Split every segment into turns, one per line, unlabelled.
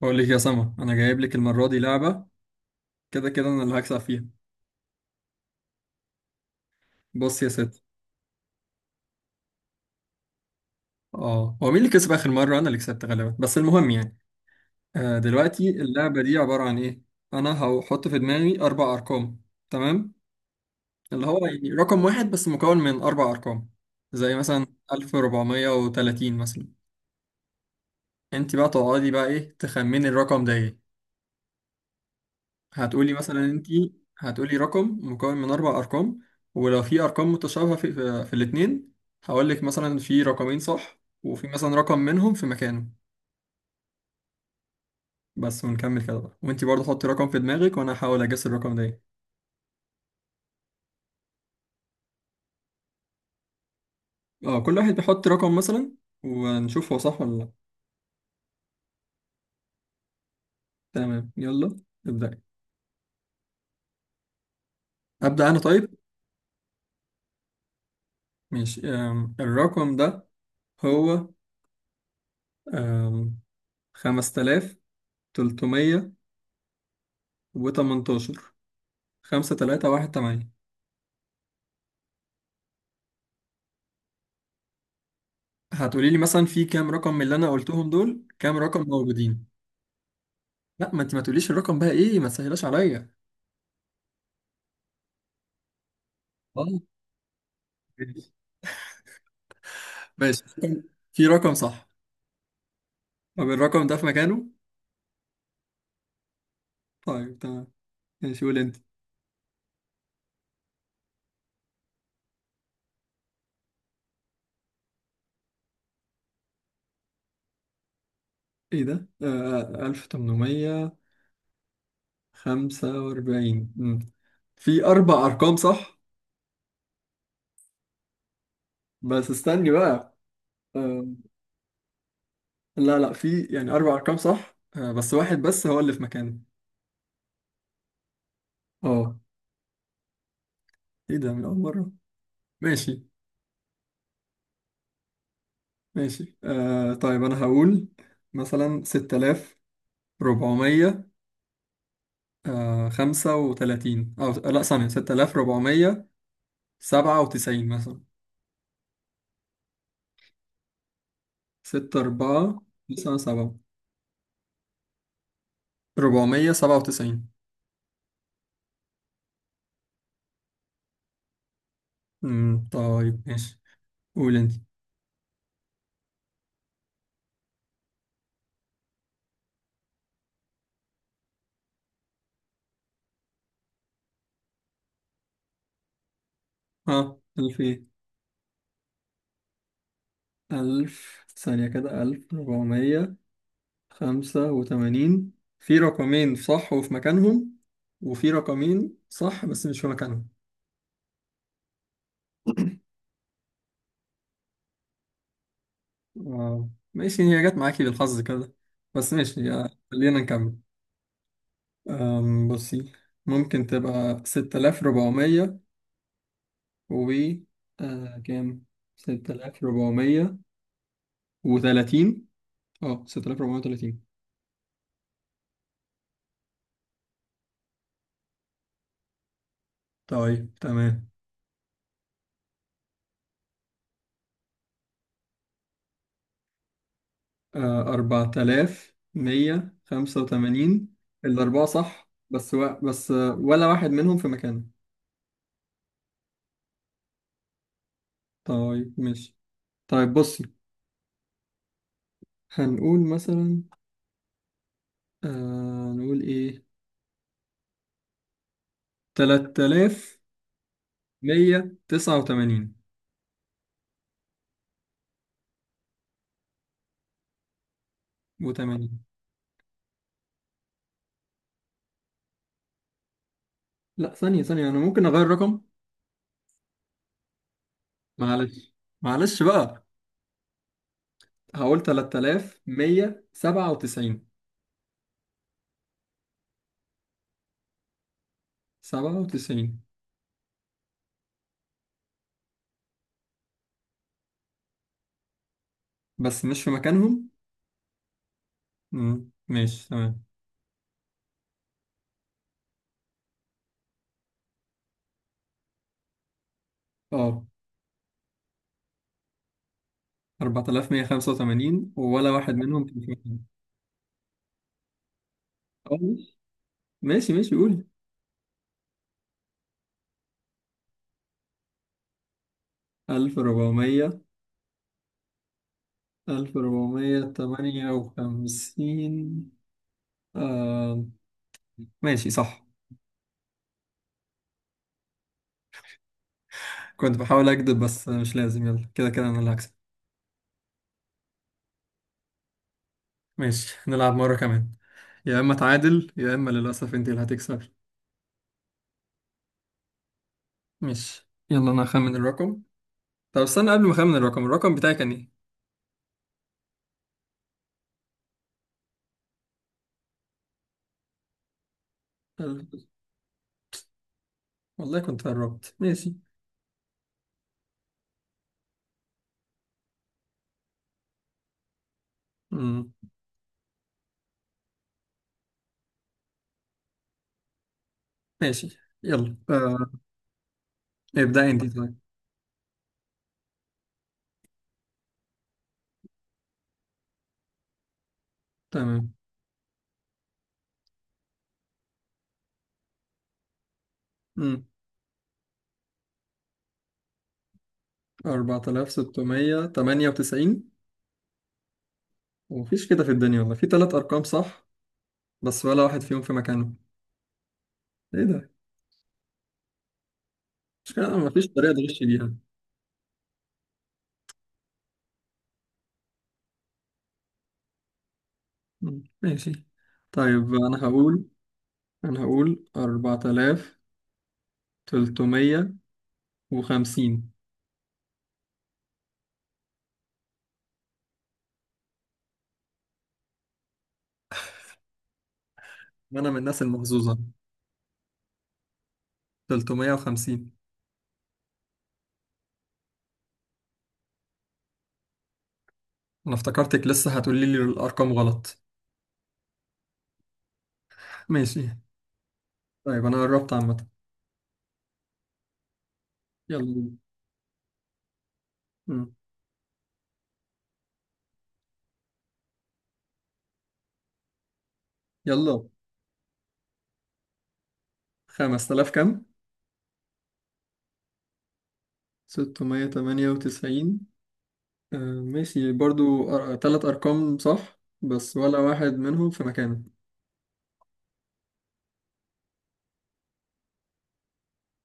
بقول لك يا سما، انا جايب لك المره دي لعبه. كده كده انا اللي هكسب فيها. بص يا ست. اه، هو مين اللي كسب اخر مره؟ انا اللي كسبت غالبا، بس المهم يعني. آه، دلوقتي اللعبه دي عباره عن ايه؟ انا هحط في دماغي اربع ارقام. تمام. اللي هو يعني رقم واحد بس مكون من اربع ارقام. زي مثلا 1430 مثلا. انت بقى تقعدي بقى ايه تخمني الرقم ده ايه؟ هتقولي مثلا انت. هتقولي رقم مكون من اربع ارقام. ولو في ارقام متشابهه في الاثنين، هقول لك مثلا في رقمين صح وفي مثلا رقم منهم في مكانه. بس ونكمل كده بقى، وانت برضه حطي رقم في دماغك وانا هحاول اجس الرقم ده ايه. اه، كل واحد بيحط رقم مثلا. ونشوف هو صح ولا لا. تمام، يلا. ابدأ، ابدأ انا طيب. ماشي، الرقم ده هو آم، 5318. 5318. هتقولي لي مثلا في كام رقم من اللي انا قلتهم؟ دول كام رقم موجودين؟ لا، ما انت ما تقوليش الرقم بقى، ايه ما تسهلاش عليا. اه، ماشي ماشي. في رقم صح. طب الرقم ده في مكانه؟ طيب، تمام. ماشي، قول انت. ايه ده؟ آه، 1845. مم. في اربع ارقام صح. بس استني بقى. آه لا لا، في يعني اربع ارقام صح، بس واحد بس هو اللي في مكانه. اه. ايه ده من اول مره؟ ماشي ماشي، طيب، أنا هقول مثلا 6400، 35 أو لأ، ثانية، 6497 مثلا. 6 4. 9 7. 497. طيب، ماشي. قول أنت. ها؟ ألف إيه؟ ألف، ثانية كده، 1485. في رقمين صح وفي مكانهم، وفي رقمين صح بس مش في مكانهم. آه. ماشي، هي جت معاكي بالحظ كده. بس ماشي. خلينا نكمل. بصي، ممكن تبقى 6400 و كام، 6430. اه، 6430. طيب، تمام. 4185. الأربعة صح، بس ولا واحد منهم في مكانه. طيب، ماشي. طيب، بصي، هنقول مثلا، نقول ايه، 3000 189 و80. لا، ثانية ثانية، أنا ممكن أغير رقم. معلش، معلش بقى. هقول 3197. 97. بس مش في مكانهم. مم، ماشي، تمام. اه، 4185 ولا واحد منهم كان في مكانه. اه، ماشي ماشي ماشي، قول. 1400. 1458. آه. ماشي، صح. كنت بحاول أكذب، بس مش لازم. يلا، كده كده أنا اللي هكسب. ماشي، نلعب مرة كمان. يا إما تعادل، يا إما للأسف أنت اللي هتكسب. ماشي، يلا، أنا هخمن الرقم. طب استنى، قبل ما أخمن الرقم، الرقم بتاعي كان إيه؟ ال- والله كنت قربت. ماشي، مم. ماشي، يلا، آه. ابدأ أنت طيب. تمام. مم. 4698. ومفيش كده في الدنيا والله، في تلات أرقام صح بس ولا واحد فيهم في مكانه. إيه ده؟ مش كده مفيش طريقة تغش بيها. مم. ماشي، طيب، أنا هقول 4000 350. ما انا من الناس المحظوظة. 350. انا افتكرتك لسه هتقولي لي الارقام غلط. ماشي. طيب، انا قربت عامة. يلا. مم. يلا. 5000 كام؟ 698. آه، ماشي، برضو تلات ارقام صح بس ولا واحد منهم في مكانه.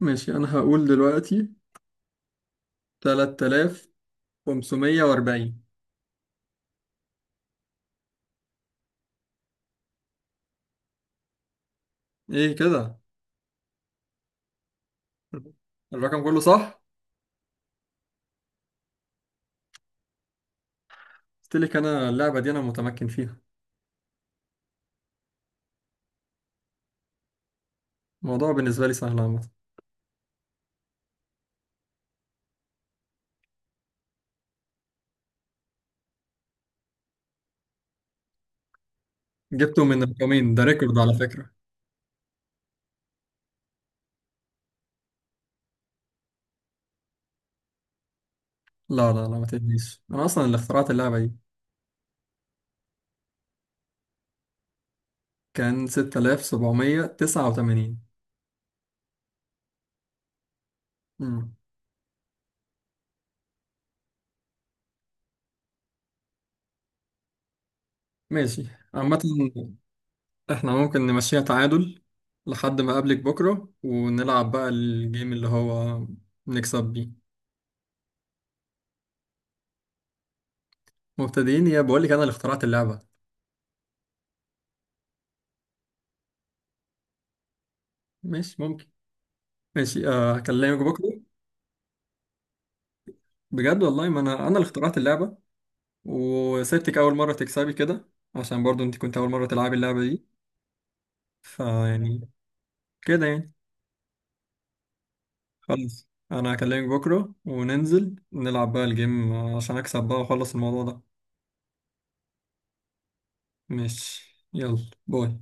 ماشي، انا هقول دلوقتي 3540. ايه كده؟ الرقم كله صح. قلت لك، انا اللعبة دي انا متمكن فيها. الموضوع بالنسبة لي سهل عامة. جبته من رقمين، ده ريكورد على فكرة. لا لا لا، ما تقلقيش، أنا أصلا اللي اخترعت اللعبة دي. كان 6789. امم ماشي. عامة إحنا ممكن نمشيها تعادل لحد ما أقابلك بكرة، ونلعب بقى الجيم اللي هو نكسب بيه. مبتدئين يا بقول لك، أنا اللي اخترعت اللعبة. ماشي، ممكن. ماشي، هكلمك بكرة. بجد والله، ما أنا اللي اخترعت اللعبة. وسبتك أول مرة تكسبي كده، عشان برضو أنت كنت أول مرة تلعبي اللعبة دي. فيعني، كده يعني. خلاص، انا هكلمك بكره وننزل نلعب بقى الجيم عشان اكسب بقى واخلص الموضوع ده. ماشي، يلا، باي.